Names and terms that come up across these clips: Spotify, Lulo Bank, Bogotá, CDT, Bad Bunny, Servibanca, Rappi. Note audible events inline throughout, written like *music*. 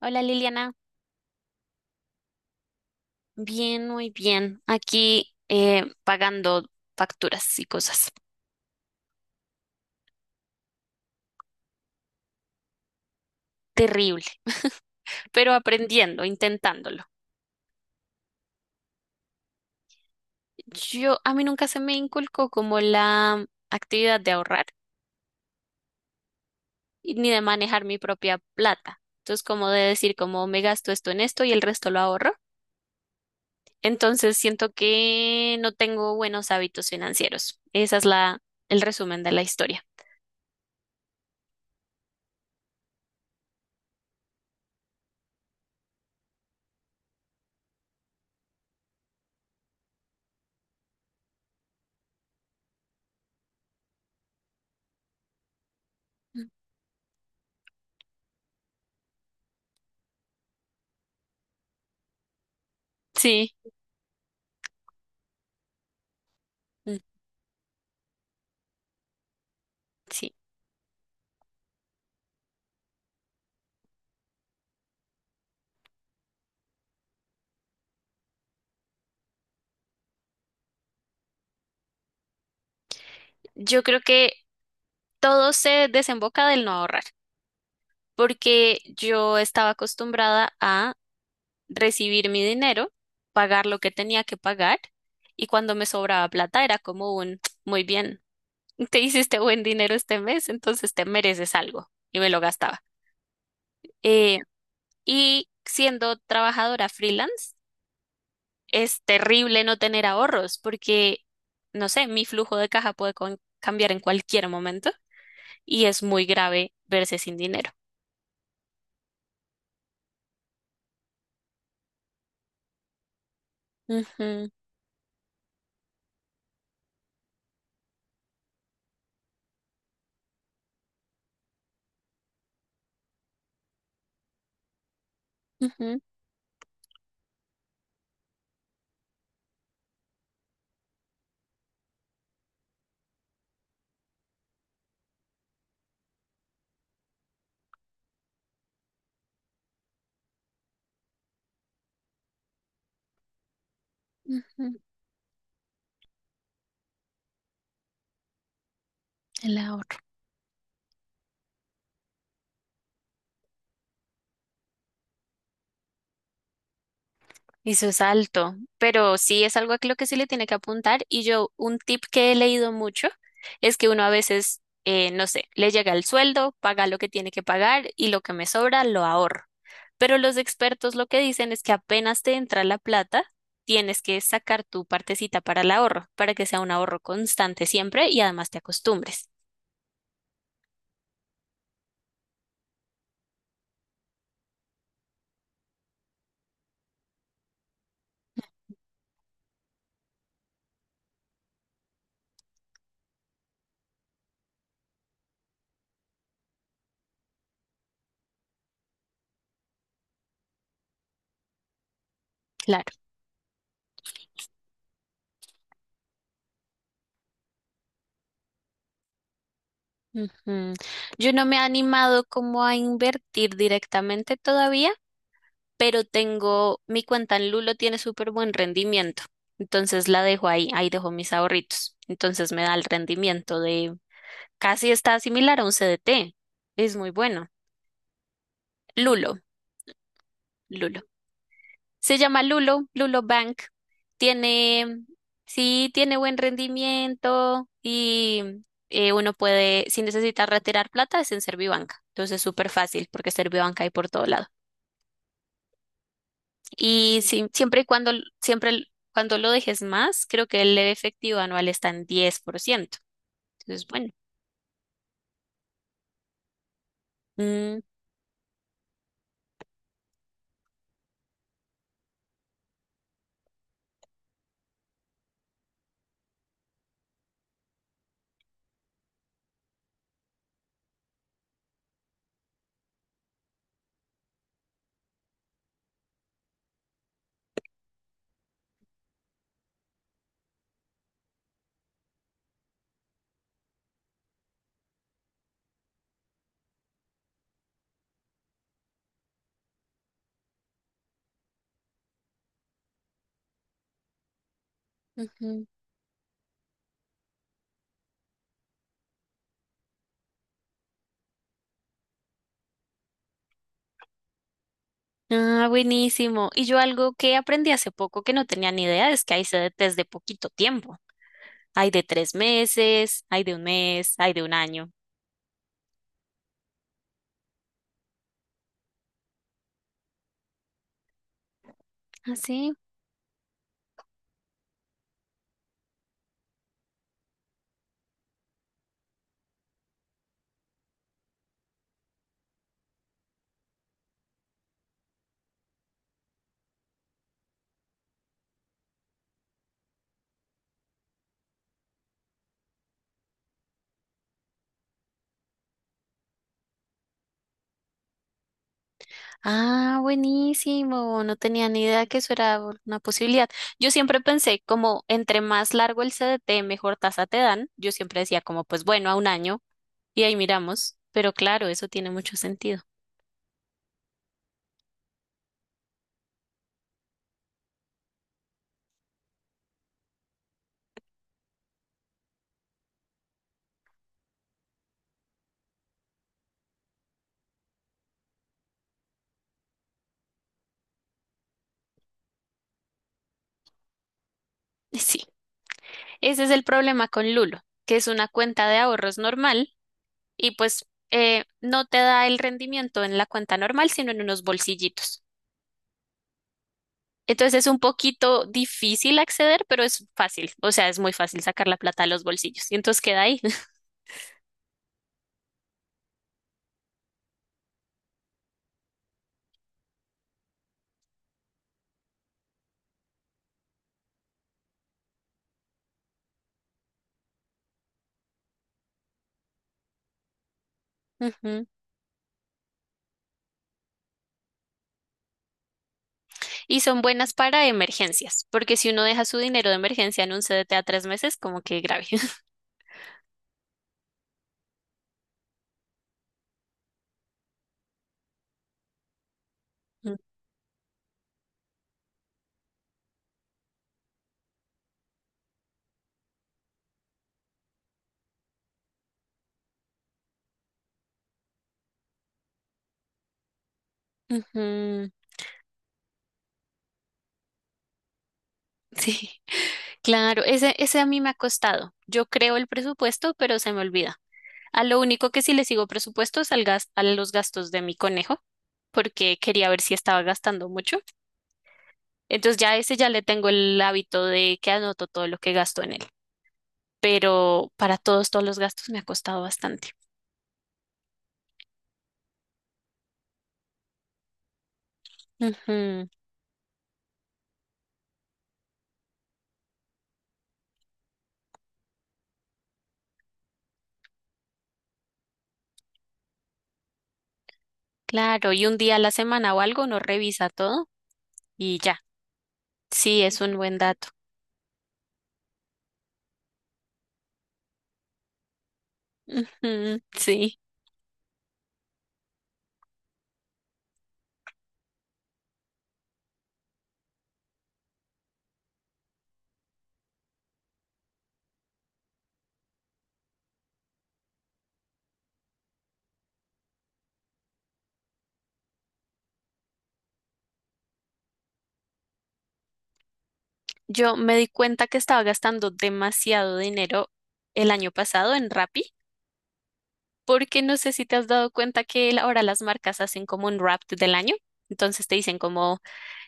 Hola Liliana, bien, muy bien. Aquí pagando facturas y cosas. Terrible, pero aprendiendo, intentándolo. A mí nunca se me inculcó como la actividad de ahorrar y ni de manejar mi propia plata. Entonces, como de decir, como me gasto esto en esto y el resto lo ahorro. Entonces, siento que no tengo buenos hábitos financieros. El resumen de la historia. Mm. Sí, mm, sí. Yo creo que todo se desemboca del no ahorrar, porque yo estaba acostumbrada a recibir mi dinero, pagar lo que tenía que pagar y cuando me sobraba plata era como un, *tsk* muy bien, *laughs* te hiciste buen dinero este mes, entonces te mereces algo y me lo gastaba. Eh, y siendo trabajadora freelance, es terrible no tener ahorros porque, no sé, mi flujo de caja puede cambiar en cualquier momento y es muy grave verse sin dinero. Ujú, ujú, ujú. El ahorro. Y su salto, pero sí es algo a lo que se le tiene que apuntar. Y yo, un tip que he leído mucho es que uno a veces, no sé, le llega el sueldo, paga lo que tiene que pagar y lo que me sobra lo ahorro. Pero los expertos lo que dicen es que apenas te entra la plata, tienes que sacar tu partecita para el ahorro, para que sea un ahorro constante siempre y además te acostumbres. Claro. Ujú. Yo no me he animado como a invertir directamente todavía, pero tengo, mi cuenta en Lulo tiene súper buen rendimiento. Entonces la dejo ahí, ahí dejo mis ahorritos. Entonces me da el rendimiento de casi está similar a un CDT. Es muy bueno. Lulo, Lulo. Se llama Lulo, Lulo Bank. Tiene, sí, tiene buen rendimiento y uno puede, si necesita retirar plata, es en Servibanca. Entonces es súper fácil porque Servibanca hay por todos lados. Y sí, siempre cuando lo dejes más, creo que el efectivo anual está en 10%. Entonces, bueno. Mm, ujú. Ah, buenísimo. Y yo algo que aprendí hace poco que no tenía ni idea es que hay CDTs de poquito tiempo. Hay de 3 meses, hay de un mes, hay de un año. ¿Ah, sí? Ah, buenísimo. No tenía ni idea que eso era una posibilidad. Yo siempre pensé como entre más largo el CDT, mejor tasa te dan. Yo siempre decía como, pues bueno, a un año. Y ahí miramos, pero claro, eso tiene mucho sentido. *laughs* Y sí, ese es el problema con Lulo, que es una cuenta de ahorros normal y pues no te da el rendimiento en la cuenta normal, sino en unos bolsillitos. Entonces es un poquito difícil acceder, pero es fácil, o sea, es muy fácil sacar la plata de los bolsillos y entonces queda ahí. *laughs* Ujú. Y son buenas para emergencias, porque si uno deja su dinero de emergencia en un CDT a 3 meses, como que grave. *laughs* Ujú, sí, claro, ese a mí me ha costado. Yo creo el presupuesto, pero se me olvida. A lo único que sí le sigo presupuesto es al a los gastos de mi conejo, porque quería ver si estaba gastando mucho. Entonces ya ese ya le tengo el hábito de que anoto todo lo que gasto en él. Pero para todos los gastos me ha costado bastante. Ujú. Claro, y un día a la semana o algo uno revisa todo y ya. Sí, es un buen dato. Ujú, sí. Yo me di cuenta que estaba gastando demasiado dinero el año pasado en Rappi, porque no sé si te has dado cuenta que ahora las marcas hacen como un wrap del año. Entonces te dicen como,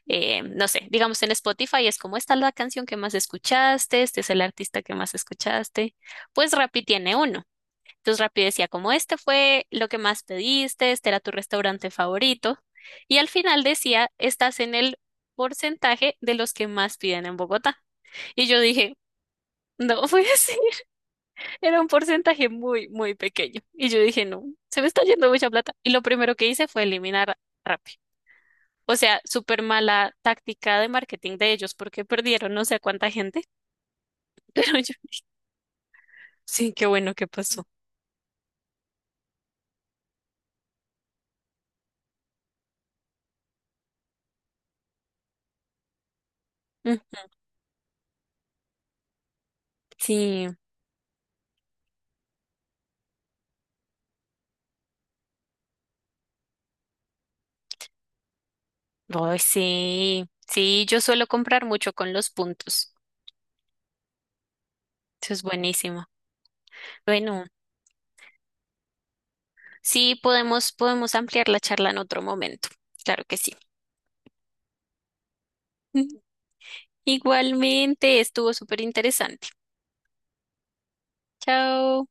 no sé, digamos en Spotify es como esta es la canción que más escuchaste, este es el artista que más escuchaste. Pues Rappi tiene uno. Entonces Rappi decía, como este fue lo que más pediste, este era tu restaurante favorito. Y al final decía, estás en el porcentaje de los que más piden en Bogotá. Y yo dije, no, *laughs* pues sí, era un porcentaje muy, muy pequeño. Y yo dije, no, se me está yendo mucha plata. Y lo primero que hice fue eliminar Rappi. O sea, súper mala táctica de marketing de ellos porque perdieron no sé cuánta gente, *laughs* pero yo dije, sí, qué bueno que pasó. Mm, sí. Ay, sí, sí, yo suelo comprar mucho con los puntos. Eso es buenísimo. Bueno, sí, podemos, podemos ampliar la charla en otro momento. Claro que sí. *laughs* Igualmente, estuvo súper interesante. Chao.